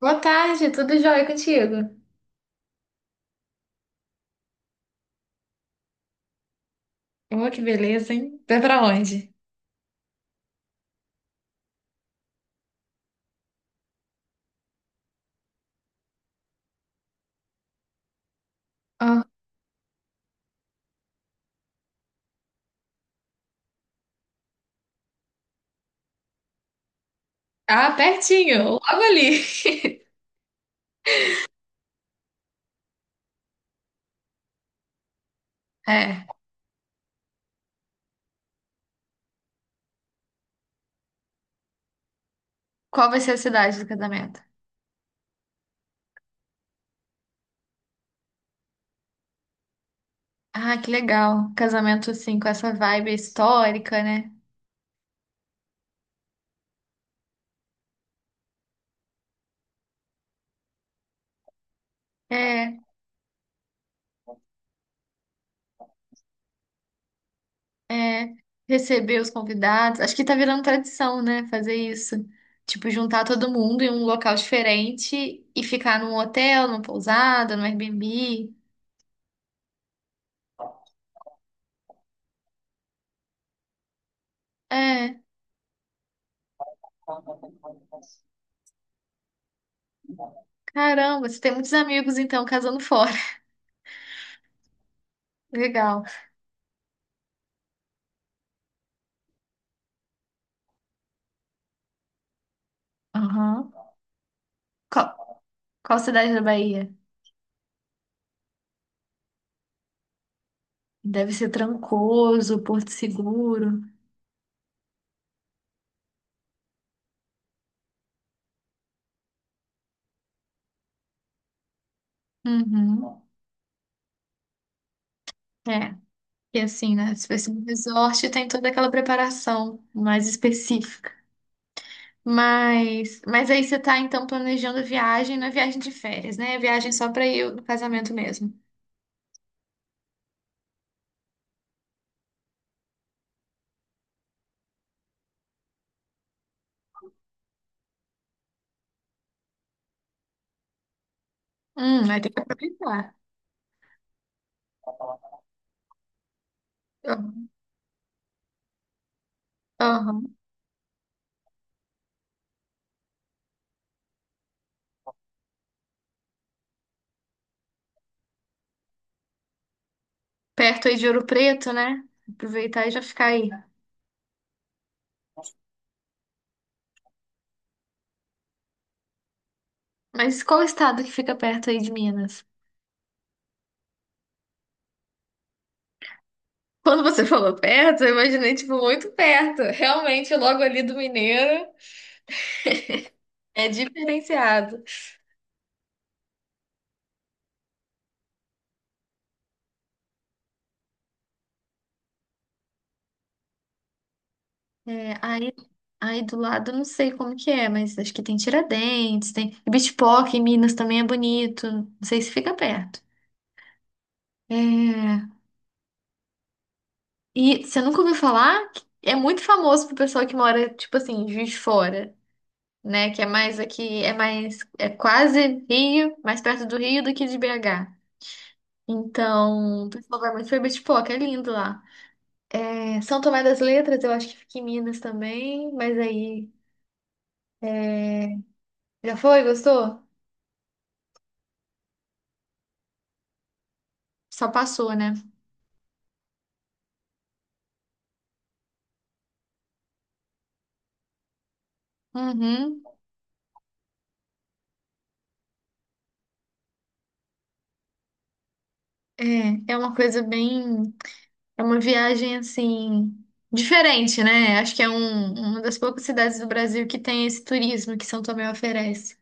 Boa tarde, tudo jóia contigo? Oh, que beleza, hein? Vai pra onde? Ah, ah, pertinho, logo ali. É. Qual vai ser a cidade do casamento? Ah, que legal. Casamento, assim, com essa vibe histórica, né? É, é. Receber os convidados. Acho que tá virando tradição, né? Fazer isso. Tipo, juntar todo mundo em um local diferente e ficar num hotel, numa pousada, num Airbnb. É. Caramba, você tem muitos amigos, então, casando fora. Legal. Aham. Qual, qual cidade da Bahia? Deve ser Trancoso, Porto Seguro. Uhum. É. E assim, né? Se fosse um resort, tem toda aquela preparação mais específica. Mas aí você tá, então, planejando a viagem, não é viagem de férias, né? É viagem só pra ir no casamento mesmo. Vai ter que aproveitar. Aham. Aham. Perto aí de Ouro Preto, né? Aproveitar e já ficar aí. Mas qual estado que fica perto aí de Minas? Quando você falou perto, eu imaginei, tipo, muito perto. Realmente, logo ali do Mineiro é diferenciado. É, aí, do lado, eu não sei como que é, mas acho que tem Tiradentes, tem e Bitpock em Minas também é bonito. Não sei se fica perto. É, e você nunca ouviu falar? É muito famoso pro pessoal que mora, tipo assim, em Juiz de Fora, né? Que é mais aqui, é quase Rio, mais perto do Rio do que de BH. Então, o pessoal vai muito pra Bitpock, é lindo lá. É, São Tomé das Letras, eu acho que fica em Minas também, mas aí. Já foi? Gostou? Só passou, né? Uhum. É, é uma coisa bem. É uma viagem assim. Diferente, né? Acho que é uma das poucas cidades do Brasil que tem esse turismo que São Tomé oferece.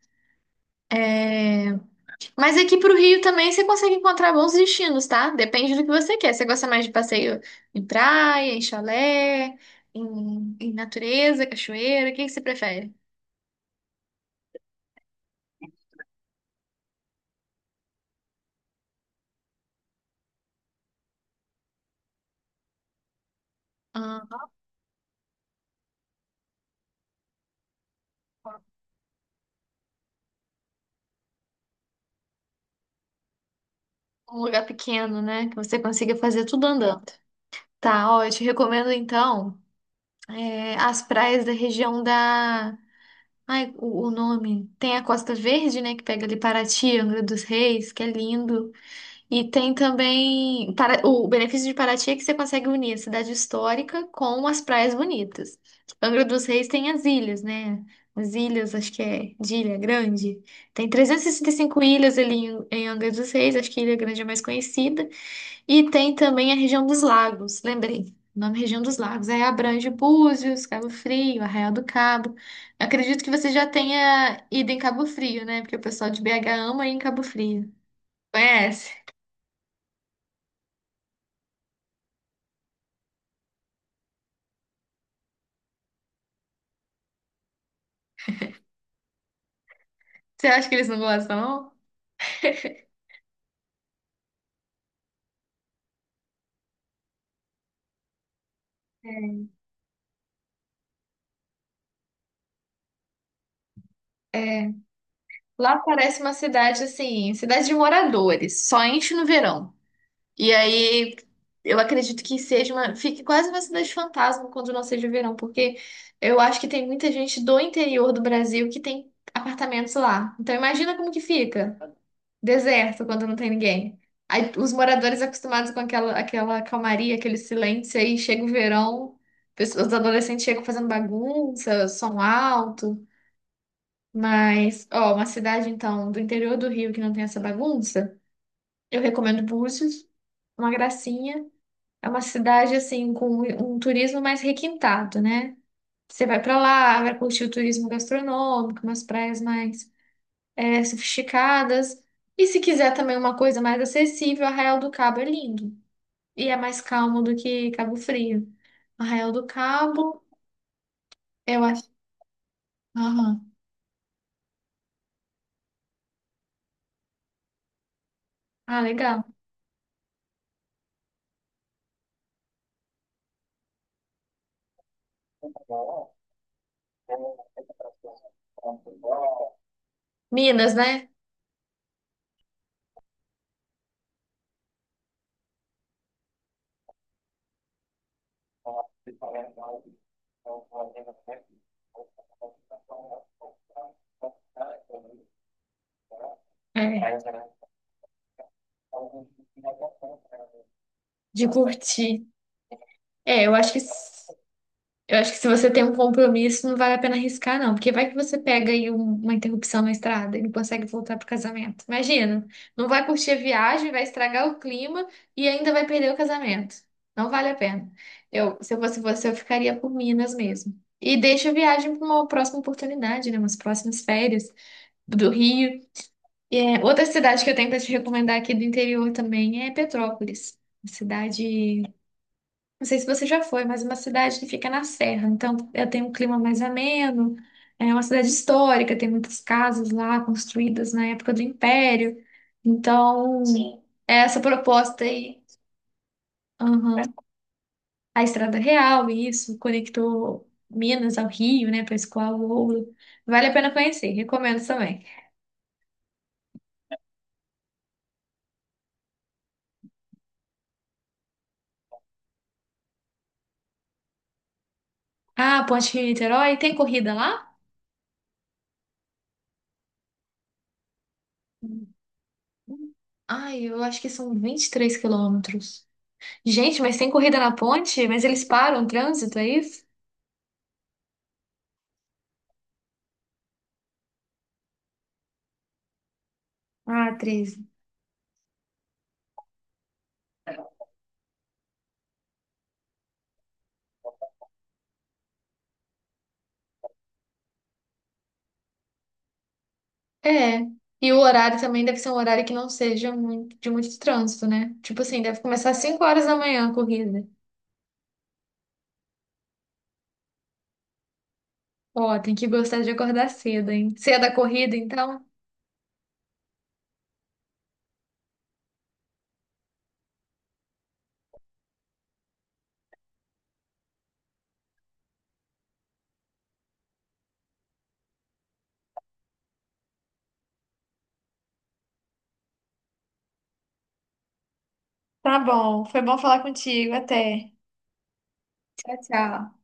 Mas aqui pro Rio também você consegue encontrar bons destinos, tá? Depende do que você quer. Você gosta mais de passeio em praia, em chalé, em natureza, cachoeira? O que que você prefere? Aham. Um lugar pequeno, né? Que você consiga fazer tudo andando. Tá, ó, eu te recomendo então é, as praias da região da. Ai, o nome. Tem a Costa Verde, né? Que pega ali Paraty, Angra dos Reis, que é lindo. E tem também. Para... O benefício de Paraty é que você consegue unir a cidade histórica com as praias bonitas. Angra dos Reis tem as ilhas, né? As ilhas, acho que é de Ilha Grande. Tem e 65 ilhas ali em Angra dos Reis, acho que Ilha Grande é mais conhecida. E tem também a região dos lagos, lembrei. O nome é região dos lagos. Aí abrange Búzios, Cabo Frio, Arraial do Cabo. Acredito que você já tenha ido em Cabo Frio, né? Porque o pessoal de BH ama ir em Cabo Frio. Conhece? Você acha que eles não gostam, não? É. Lá parece uma cidade assim, cidade de moradores, só enche no verão. E aí, eu acredito que seja uma. Fique quase uma cidade fantasma quando não seja verão, porque eu acho que tem muita gente do interior do Brasil que tem apartamentos lá. Então, imagina como que fica. Deserto quando não tem ninguém. Aí, os moradores acostumados com aquela calmaria, aquele silêncio, aí chega o verão, pessoas- os adolescentes chegam fazendo bagunça, som alto. Mas, ó, uma cidade, então, do interior do Rio que não tem essa bagunça, eu recomendo Búzios, uma gracinha. É uma cidade assim com um turismo mais requintado, né? Você vai para lá, vai curtir o turismo gastronômico, umas praias mais é, sofisticadas. E se quiser também uma coisa mais acessível, Arraial do Cabo é lindo. E é mais calmo do que Cabo Frio. Arraial do Cabo, eu acho. Aham. Ah, legal. Minas, né? É. De curtir. É, eu acho que Eu acho que se você tem um compromisso, não vale a pena arriscar, não, porque vai que você pega aí um- uma interrupção na estrada e não consegue voltar pro casamento. Imagina, não vai curtir a viagem, vai estragar o clima e ainda vai perder o casamento. Não vale a pena. Eu, se eu fosse você, eu ficaria por Minas mesmo. E deixa a viagem para uma próxima oportunidade, né? Umas próximas férias do Rio. E, é, outra cidade que eu tenho para te recomendar aqui do interior também é Petrópolis. Uma cidade não sei se você já foi, mas é uma cidade que fica na serra. Então, ela tem um clima mais ameno. É uma cidade histórica, tem muitas casas lá construídas na época do Império. Então, sim. É essa proposta aí. Aham. A Estrada Real, isso, conectou Minas ao Rio, né, Pescoal ao Ouro. Vale a pena conhecer, recomendo também. Ah, Ponte Rio-Niterói, tem corrida lá? Ai, eu acho que são 23 quilômetros. Gente, mas tem corrida na ponte? Mas eles param o trânsito, é isso? Ah, 13. É. E o horário também deve ser um horário que não seja muito, de muito trânsito, né? Tipo assim, deve começar às 5 horas da manhã a corrida. Ó, tem que gostar de acordar cedo, hein? Cedo a corrida, então. Tá bom, foi bom falar contigo. Até. Tchau, tchau.